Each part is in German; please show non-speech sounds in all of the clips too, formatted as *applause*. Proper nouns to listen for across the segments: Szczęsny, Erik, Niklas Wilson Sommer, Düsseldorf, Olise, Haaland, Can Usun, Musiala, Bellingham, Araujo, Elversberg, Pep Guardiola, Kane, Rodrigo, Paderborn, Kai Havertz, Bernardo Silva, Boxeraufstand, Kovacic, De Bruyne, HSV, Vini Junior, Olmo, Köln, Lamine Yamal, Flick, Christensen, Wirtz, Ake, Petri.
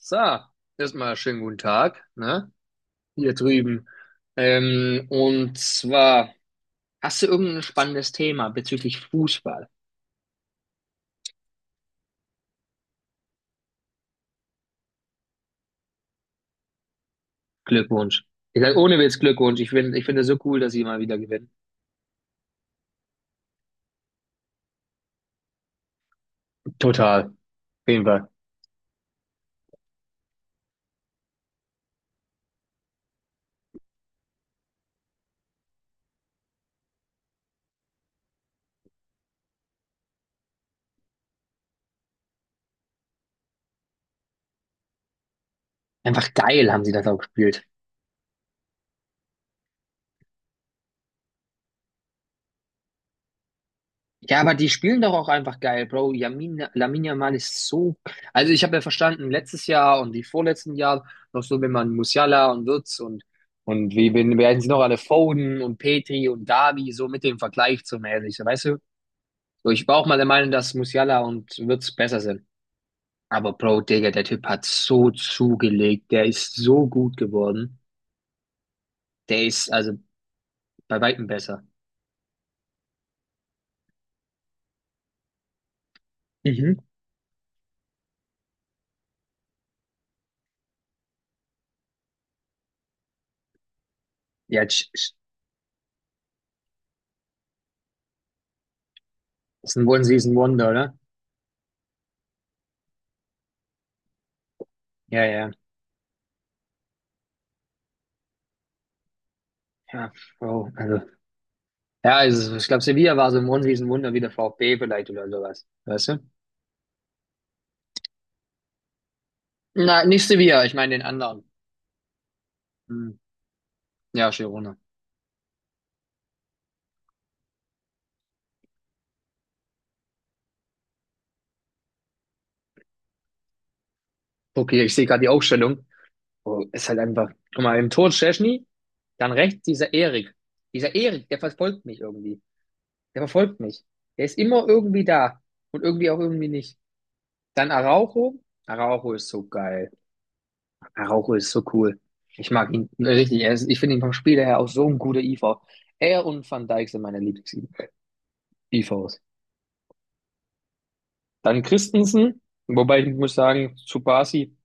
So, erstmal schönen guten Tag, ne? Hier drüben. Und zwar, hast du irgendein spannendes Thema bezüglich Fußball? Glückwunsch. Ich sag ohne Witz Glückwunsch. Ich finde es so cool, dass sie mal wieder gewinnen. Total. Auf jeden Fall. Einfach geil haben sie das auch gespielt. Ja, aber die spielen doch auch einfach geil, Bro. Yamin, Lamine Yamal ist so. Also, ich habe ja verstanden, letztes Jahr und die vorletzten Jahre noch so, wenn man Musiala und Wirtz und werden sie noch alle Foden und Petri und Davi so mit dem Vergleich zu mäßig, so, weißt du? So, ich war auch mal der Meinung, dass Musiala und Wirtz besser sind. Aber, Bro, Digga, der Typ hat so zugelegt. Der ist so gut geworden. Der ist also bei weitem besser. Mhm. Ja, tsch- tsch. Ist ein One-Season-Wonder, oder? Ja, ja. Ja, Bro, also. Ja, also ich glaube, Sevilla war so ein Riesenwunder wie der VfB vielleicht oder sowas. Weißt du? Na, nicht Sevilla, ich meine den anderen. Hm. Ja, Girona. Okay, ich sehe gerade die Aufstellung. Oh, ist halt einfach. Guck mal, im Tor Szczęsny, dann rechts dieser Erik. Dieser Erik, der verfolgt mich irgendwie. Der verfolgt mich. Der ist immer irgendwie da und irgendwie auch irgendwie nicht. Dann Araujo. Araujo ist so geil. Araujo ist so cool. Ich mag ihn richtig. Er ist, ich finde ihn vom Spieler her auch so ein guter IV. Er und Van Dijk sind meine Lieblings-IVs. Dann Christensen, wobei ich muss sagen, zu Basi,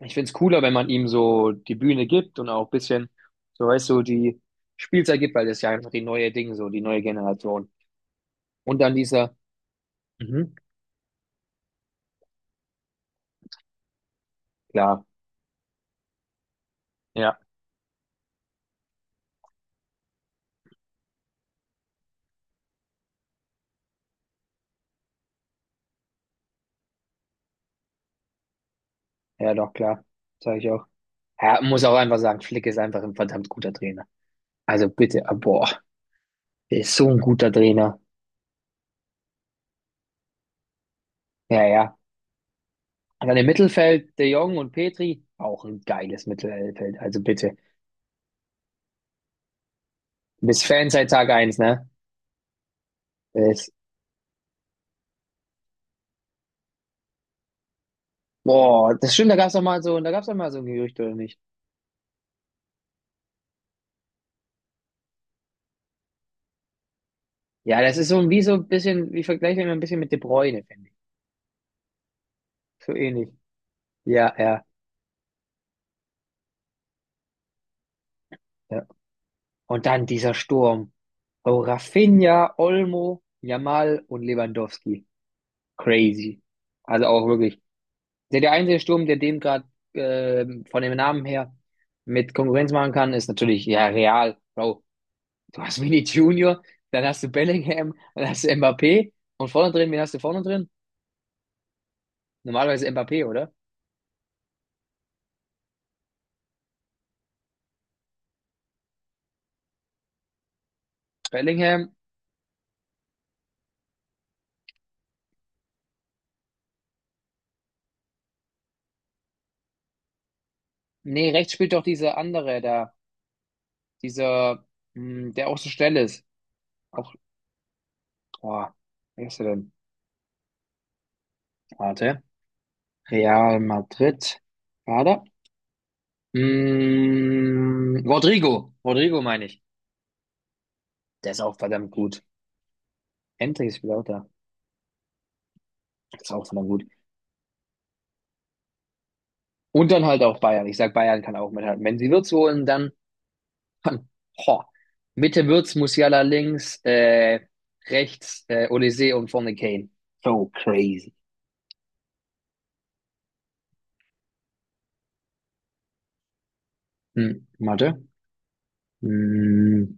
ich find's cooler, wenn man ihm so die Bühne gibt und auch ein bisschen, so weißt du, die Spielzeit gibt, weil das ist ja einfach die neue Ding, so die neue Generation. Und dann dieser, mhm, klar, ja, ja, doch, klar, sage ich auch. Ja, muss auch einfach sagen, Flick ist einfach ein verdammt guter Trainer. Also bitte, ah, boah, der ist so ein guter Trainer. Ja, ja. Und dann im Mittelfeld, De Jong und Petri, auch ein geiles Mittelfeld. Also bitte, bis Fan seit Tag eins, ne? Boah, das stimmt, da gab's doch mal so, da gab's doch mal so ein Gerücht, oder nicht? Ja, das ist wie so ein bisschen, wie vergleiche immer ein bisschen mit De Bruyne, finde ich. So ähnlich. Ja, ja, ja. Und dann dieser Sturm. Oh, Rafinha, Olmo, Yamal und Lewandowski. Crazy. Also auch wirklich. Der einzige Sturm, der dem gerade von dem Namen her mit Konkurrenz machen kann, ist natürlich, ja, Real. Bro, du hast Vini Junior, dann hast du Bellingham, dann hast du Mbappé und vorne drin, wen hast du vorne drin? Normalerweise Mbappé, oder? Bellingham, nee, rechts spielt doch dieser andere da, dieser, der auch so schnell ist. Auch, boah, wer ist er denn? Warte. Real Madrid. War da? Rodrigo. Rodrigo meine ich. Der ist auch verdammt gut. Endlich ist wieder auch da. Der ist auch verdammt gut. Und dann halt auch Bayern. Ich sag, Bayern kann auch mithalten. Wenn sie Wirtz holen, dann ho, Mitte Wirtz, Musiala links, rechts, Olise und vorne Kane. So crazy. Warte. Hm,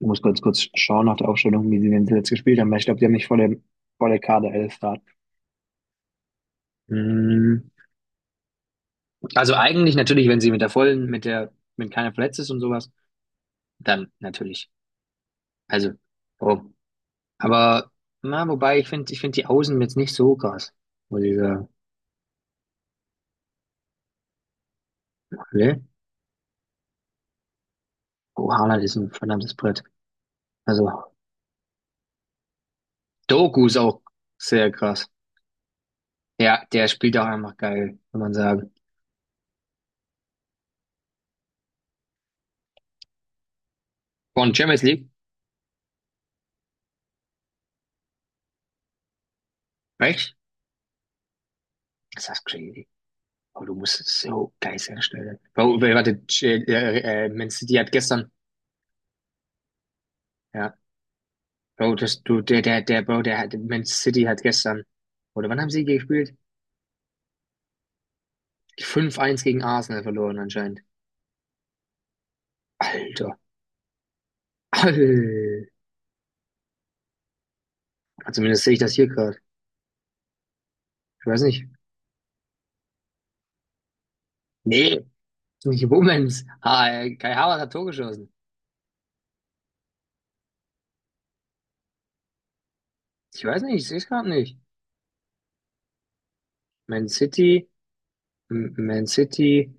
ich muss ganz kurz schauen nach der Aufstellung, wie sie denn jetzt gespielt haben, weil ich glaube, die haben nicht volle Kaderelf da. Hm, also eigentlich natürlich, wenn sie mit der vollen, mit der, wenn keiner verletzt ist und sowas, dann natürlich. Also, warum? Aber, na, wobei, ich finde die Außen jetzt nicht so krass, muss ich sagen. Ne? Oh, Haaland ist ein verdammtes Brett. Also, Doku ist auch sehr krass. Ja, der spielt auch einfach geil, kann man sagen. Von Champions League? Echt? Ist das crazy. Aber du musst es so geil herstellen. Bro, warte, Man City hat gestern, ja, Bro, das, du, der, Bro, der hat, Man City hat gestern, oder wann haben sie gespielt? Fünf eins gegen Arsenal verloren anscheinend. Alter, Alter. Zumindest sehe ich das hier gerade. Ich weiß nicht. Nee, nicht Womens. Kai Havertz hat Tor geschossen. Ich weiß nicht, ich sehe es gerade nicht. Man City, Man City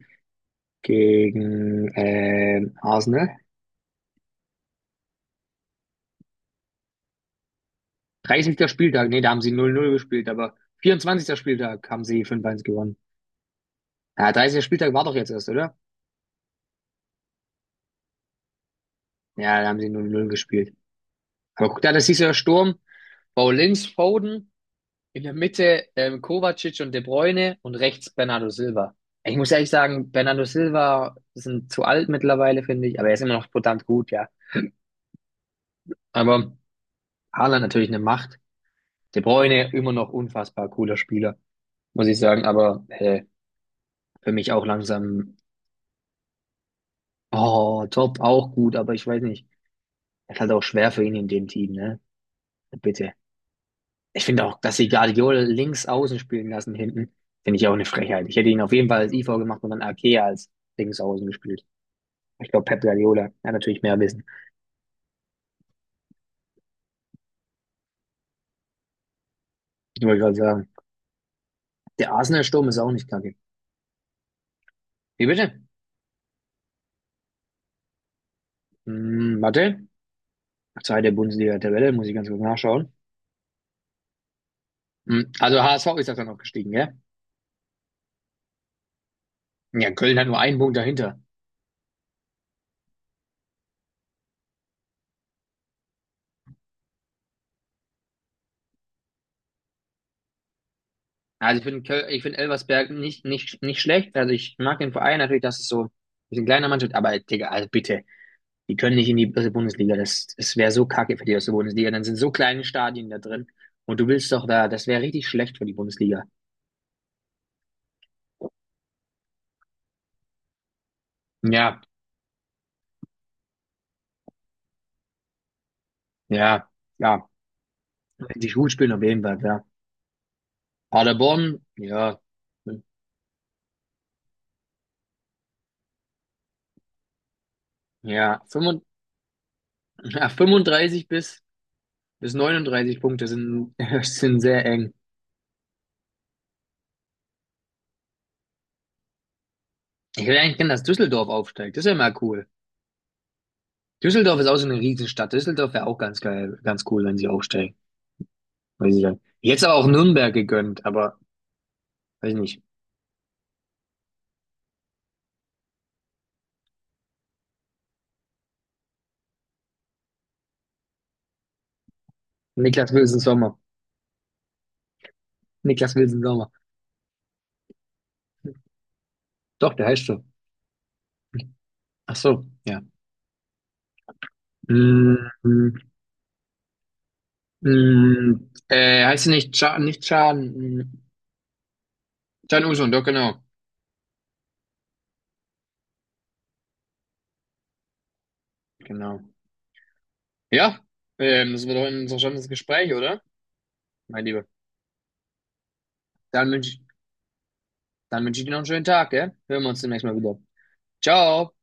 gegen Arsenal. 30. Spieltag, nee, da haben sie 0-0 gespielt, aber 24. Spieltag haben sie 5:1 gewonnen. Ja, 30. Spieltag war doch jetzt erst, oder? Ja, da haben sie 0-0 gespielt. Aber guck da, das ist ja Sturm. Paulins, Foden, in der Mitte Kovacic und De Bruyne und rechts Bernardo Silva. Ich muss ehrlich sagen, Bernardo Silva sind zu alt mittlerweile, finde ich, aber er ist immer noch verdammt gut, ja. Aber Haaland natürlich eine Macht. De Bruyne immer noch unfassbar cooler Spieler, muss ich sagen, aber für mich auch langsam. Oh, Top auch gut, aber ich weiß nicht. Es ist halt auch schwer für ihn in dem Team, ne? Bitte. Ich finde auch, dass sie Guardiola links außen spielen lassen hinten, finde ich auch eine Frechheit. Ich hätte ihn auf jeden Fall als IV gemacht und dann Ake als links außen gespielt. Ich glaube, Pep Guardiola hat natürlich mehr Wissen. Ich wollte gerade sagen, der Arsenal-Sturm ist auch nicht kacke. Wie bitte? Warte. Zweite Bundesliga-Tabelle, muss ich ganz kurz nachschauen. Also HSV ist das dann noch gestiegen, gell? Ja, Köln hat nur einen Punkt dahinter. Also ich finde Elversberg nicht, nicht, nicht schlecht. Also ich mag den Verein natürlich, dass es so ein bisschen kleiner Mannschaft, aber Digga, also bitte, die können nicht in die erste Bundesliga. Das wäre so kacke für die erste Bundesliga. Dann sind so kleine Stadien da drin. Und du willst doch da, das wäre richtig schlecht für die Bundesliga. Ja, ja, ja. Wenn die gut spielen, auf jeden Fall, ja. Paderborn, ja, ja, 35, ja, 35 bis 39 Punkte sind, *laughs* sind sehr eng. Ich will eigentlich gerne, dass Düsseldorf aufsteigt. Das wäre mal cool. Düsseldorf ist auch so eine Riesenstadt. Düsseldorf wäre auch ganz geil, ganz cool, wenn sie aufsteigen. Weiß ich dann. Jetzt aber auch Nürnberg gegönnt, aber weiß nicht. Niklas Wilson Sommer. Niklas Wilson Sommer. Doch, der heißt so. Ach so, ja. Mm, mm, heißt sie nicht Can, nicht Can, mm, Can Usun, doch, genau. Genau. Ja, das war doch ein interessantes Gespräch, oder? Mein Lieber. Dann wünsche ich, dann wünsche ich dir noch einen schönen Tag, gell? Hören wir uns demnächst mal wieder. Ciao!